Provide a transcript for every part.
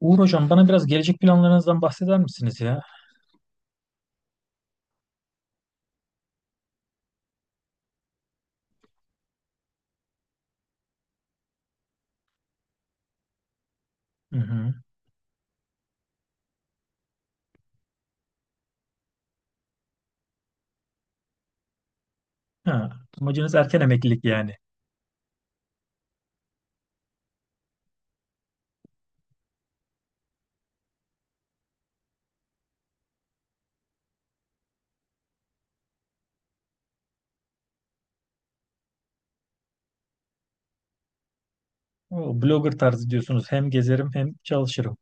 Uğur hocam bana biraz gelecek planlarınızdan bahseder misiniz ya? Hı hı. Ha, amacınız erken emeklilik yani. O blogger tarzı diyorsunuz. Hem gezerim hem çalışırım.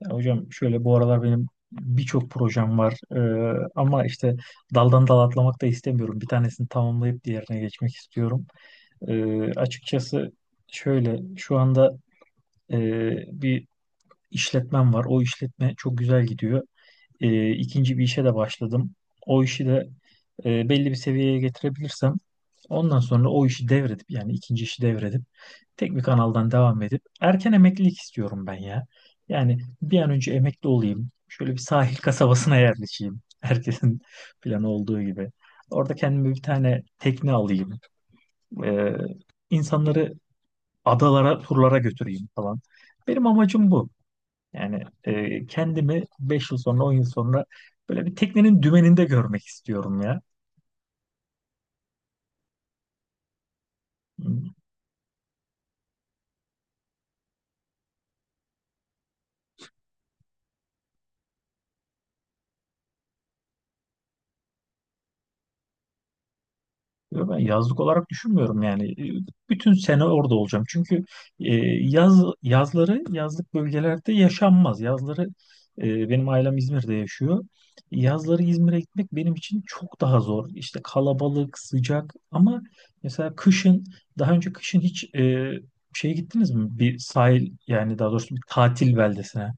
Ya hocam şöyle bu aralar benim birçok projem var. Ama işte daldan dala atlamak da istemiyorum. Bir tanesini tamamlayıp diğerine geçmek istiyorum. Açıkçası şöyle şu anda e, bir işletmem var. O işletme çok güzel gidiyor. İkinci bir işe de başladım. O işi de belli bir seviyeye getirebilirsem ondan sonra o işi devredip yani ikinci işi devredip tek bir kanaldan devam edip erken emeklilik istiyorum ben ya. Yani bir an önce emekli olayım. Şöyle bir sahil kasabasına yerleşeyim. Herkesin planı olduğu gibi. Orada kendime bir tane tekne alayım. Ee, insanları adalara, turlara götüreyim falan. Benim amacım bu. Yani kendimi 5 yıl sonra, 10 yıl sonra böyle bir teknenin dümeninde görmek istiyorum ya. Yo, ben yazlık olarak düşünmüyorum yani. Bütün sene orada olacağım. Çünkü yaz yazları yazlık bölgelerde yaşanmaz. Yazları benim ailem İzmir'de yaşıyor. Yazları İzmir'e gitmek benim için çok daha zor. İşte kalabalık, sıcak ama mesela kışın daha önce kışın hiç şeye gittiniz mi? Bir sahil yani daha doğrusu bir tatil beldesine.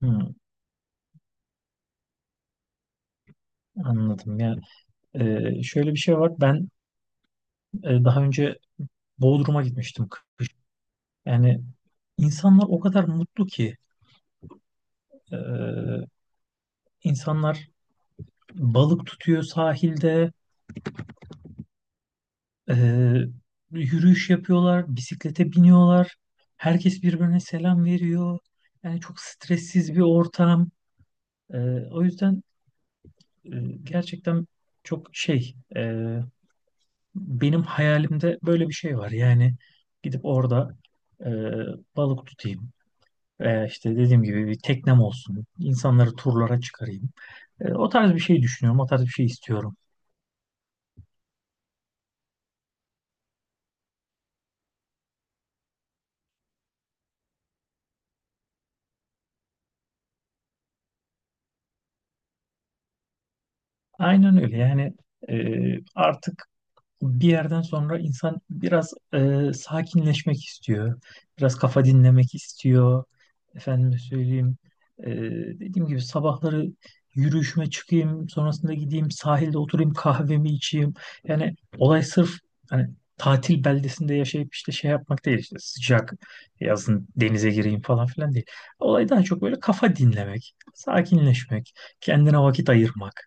Hmm, anladım. Yani şöyle bir şey var. Ben daha önce Bodrum'a gitmiştim kışın. Yani insanlar o kadar mutlu ki e, insanlar balık tutuyor sahilde, e, yürüyüş yapıyorlar, bisiklete biniyorlar. Herkes birbirine selam veriyor. Yani çok stressiz bir ortam. E, o yüzden e, gerçekten çok şey benim hayalimde böyle bir şey var. Yani gidip orada e, balık tutayım. Veya işte dediğim gibi bir teknem olsun. İnsanları turlara çıkarayım. O tarz bir şey düşünüyorum. O tarz bir şey istiyorum. Aynen öyle. Yani e, artık bir yerden sonra insan biraz sakinleşmek istiyor. Biraz kafa dinlemek istiyor. Efendime söyleyeyim. e, dediğim gibi sabahları yürüyüşüme çıkayım, sonrasında gideyim sahilde oturayım kahvemi içeyim. Yani olay sırf hani tatil beldesinde yaşayıp işte şey yapmak değil, işte sıcak yazın denize gireyim falan filan değil. Olay daha çok böyle kafa dinlemek, sakinleşmek, kendine vakit ayırmak.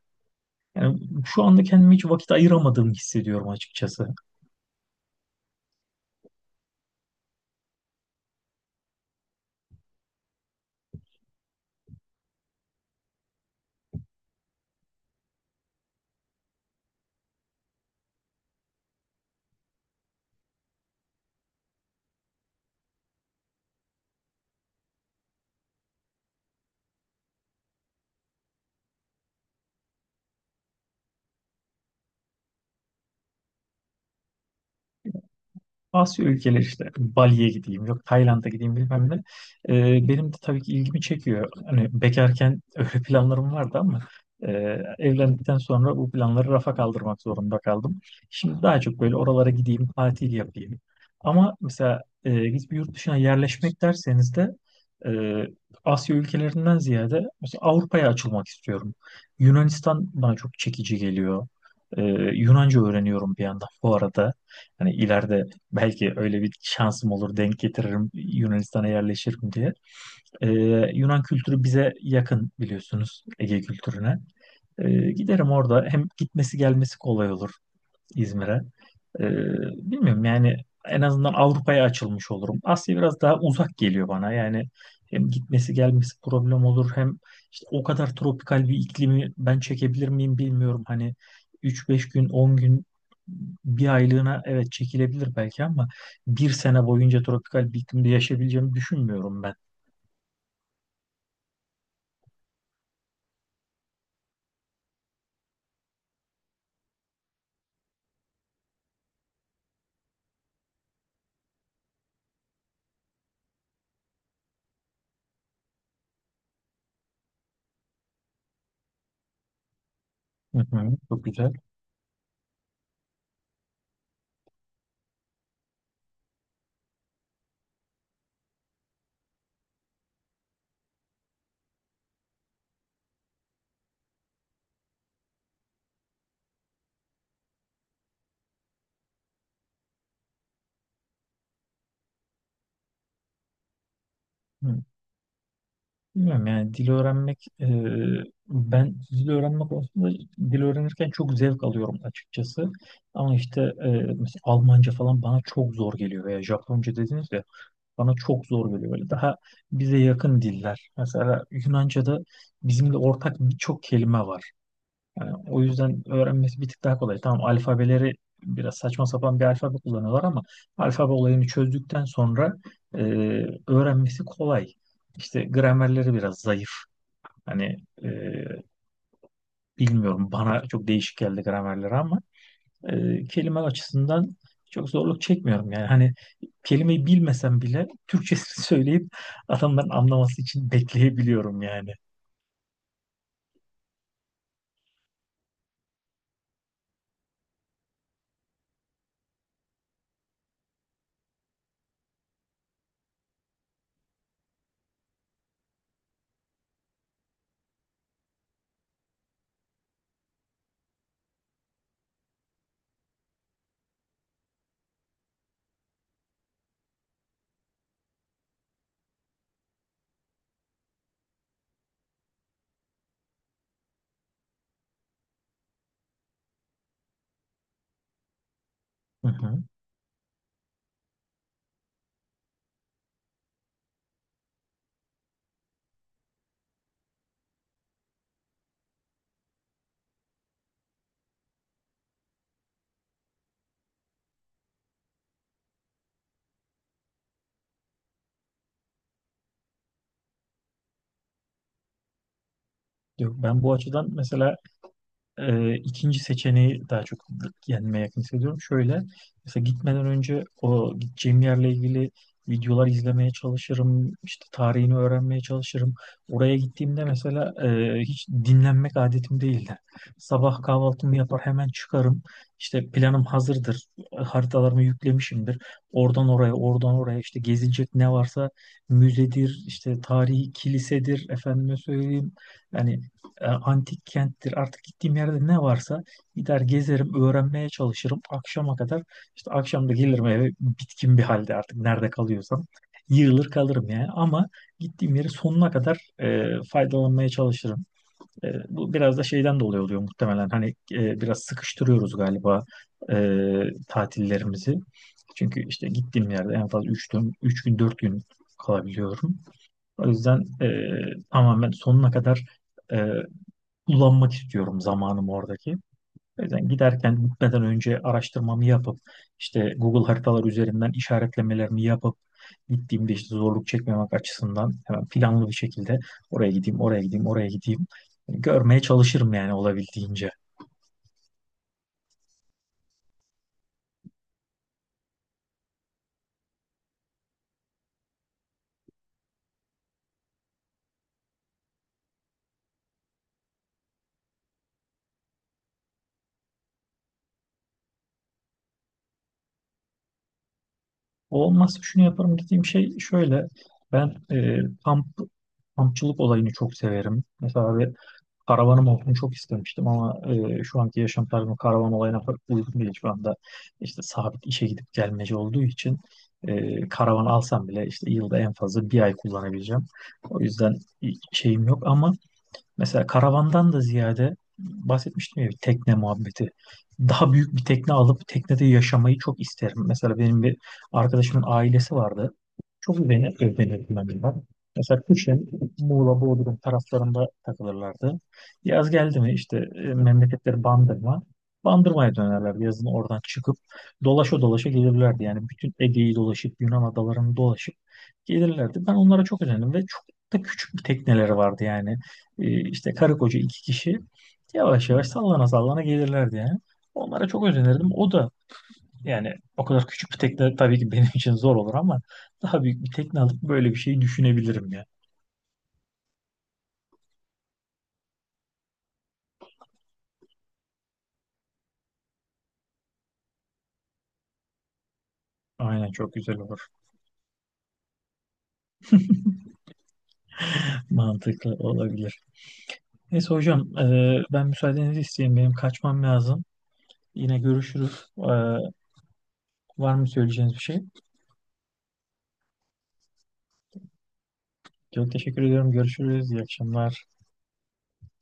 Yani şu anda kendime hiç vakit ayıramadığımı hissediyorum açıkçası. Asya ülkeleri işte Bali'ye gideyim, yok Tayland'a gideyim, bilmem ne. Benim de tabii ki ilgimi çekiyor. Hani bekarken öyle planlarım vardı ama e, evlendikten sonra bu planları rafa kaldırmak zorunda kaldım. Şimdi daha çok böyle oralara gideyim, tatil yapayım. Ama mesela biz bir yurt dışına yerleşmek derseniz de e, Asya ülkelerinden ziyade mesela Avrupa'ya açılmak istiyorum. Yunanistan bana çok çekici geliyor. Ee, Yunanca öğreniyorum bir yandan bu arada. Hani ileride belki öyle bir şansım olur, denk getiririm, Yunanistan'a yerleşirim diye. Ee, Yunan kültürü bize yakın biliyorsunuz, Ege kültürüne. Giderim orada, hem gitmesi gelmesi kolay olur. İzmir'e. Ee, bilmiyorum yani en azından Avrupa'ya açılmış olurum. Asya biraz daha uzak geliyor bana. Yani hem gitmesi gelmesi problem olur, hem işte o kadar tropikal bir iklimi ben çekebilir miyim bilmiyorum. Hani 3-5 gün 10 gün bir aylığına evet çekilebilir belki, ama bir sene boyunca tropikal bir iklimde yaşayabileceğimi düşünmüyorum ben. Hı hı, çok güzel. Bilmiyorum yani dil öğrenmek ben dil öğrenme konusunda dil öğrenirken çok zevk alıyorum açıkçası. Ama işte mesela Almanca falan bana çok zor geliyor, veya Japonca dediniz ya bana çok zor geliyor. Böyle daha bize yakın diller. Mesela Yunanca'da bizimle ortak birçok kelime var. Yani o yüzden öğrenmesi bir tık daha kolay. Tamam alfabeleri biraz saçma sapan bir alfabe kullanıyorlar ama alfabe olayını çözdükten sonra e, öğrenmesi kolay. İşte gramerleri biraz zayıf. Hani e, bilmiyorum, bana çok değişik geldi gramerleri ama kelime açısından çok zorluk çekmiyorum. Yani hani kelimeyi bilmesem bile Türkçesini söyleyip adamların anlaması için bekleyebiliyorum yani. Hı hı. Yok, ben bu açıdan mesela ikinci seçeneği daha çok kendime yakın hissediyorum. Şöyle, mesela gitmeden önce o gideceğim yerle ilgili videolar izlemeye çalışırım, işte tarihini öğrenmeye çalışırım. Oraya gittiğimde mesela hiç dinlenmek adetim değildi. Sabah kahvaltımı yapar hemen çıkarım. İşte planım hazırdır, haritalarımı yüklemişimdir. Oradan oraya, oradan oraya işte gezilecek ne varsa müzedir, işte tarihi kilisedir, efendime söyleyeyim. Yani antik kenttir. Artık gittiğim yerde ne varsa gider gezerim, öğrenmeye çalışırım. Akşama kadar işte akşam da gelirim eve bitkin bir halde artık nerede kalıyorsam. Yığılır kalırım yani, ama gittiğim yeri sonuna kadar faydalanmaya çalışırım. Bu biraz da şeyden dolayı oluyor muhtemelen. Hani biraz sıkıştırıyoruz galiba e, tatillerimizi. Çünkü işte gittiğim yerde en fazla 3 gün, 3 gün 4 gün kalabiliyorum. O yüzden tamamen sonuna kadar e, kullanmak istiyorum zamanımı oradaki. O yüzden giderken gitmeden önce araştırmamı yapıp işte Google haritalar üzerinden işaretlemelerimi yapıp gittiğimde işte zorluk çekmemek açısından hemen planlı bir şekilde oraya gideyim, oraya gideyim, oraya gideyim. Hani görmeye çalışırım yani olabildiğince. Olmazsa şunu yaparım dediğim şey şöyle. Ben kamp kampçılık olayını çok severim. Mesela bir karavanım olsun çok istemiştim ama şu anki yaşam tarzım karavan olayına pek uygun değil şu anda. İşte sabit işe gidip gelmeci olduğu için karavan alsam bile işte yılda en fazla bir ay kullanabileceğim. O yüzden şeyim yok, ama mesela karavandan da ziyade bahsetmiştim ya bir tekne muhabbeti. Daha büyük bir tekne alıp teknede yaşamayı çok isterim. Mesela benim bir arkadaşımın ailesi vardı. Çok özenir, özenirdim ben bundan. Mesela kışın Muğla, Bodrum taraflarında takılırlardı. Yaz geldi mi işte memleketleri Bandırma. Bandırma'ya dönerlerdi yazın, oradan çıkıp dolaşa dolaşa gelirlerdi. Yani bütün Ege'yi dolaşıp Yunan adalarını dolaşıp gelirlerdi. Ben onlara çok özendim ve çok da küçük bir tekneleri vardı yani, işte karı koca 2 kişi yavaş yavaş sallana sallana gelirlerdi yani. Onlara çok özenirdim. O da, yani o kadar küçük bir tekne tabii ki benim için zor olur, ama daha büyük bir tekne alıp böyle bir şey düşünebilirim ya. Aynen, çok güzel olur. Mantıklı olabilir. Neyse hocam, ben müsaadenizi isteyeyim. Benim kaçmam lazım. Yine görüşürüz. Var mı söyleyeceğiniz bir şey? Çok teşekkür ediyorum. Görüşürüz. İyi akşamlar.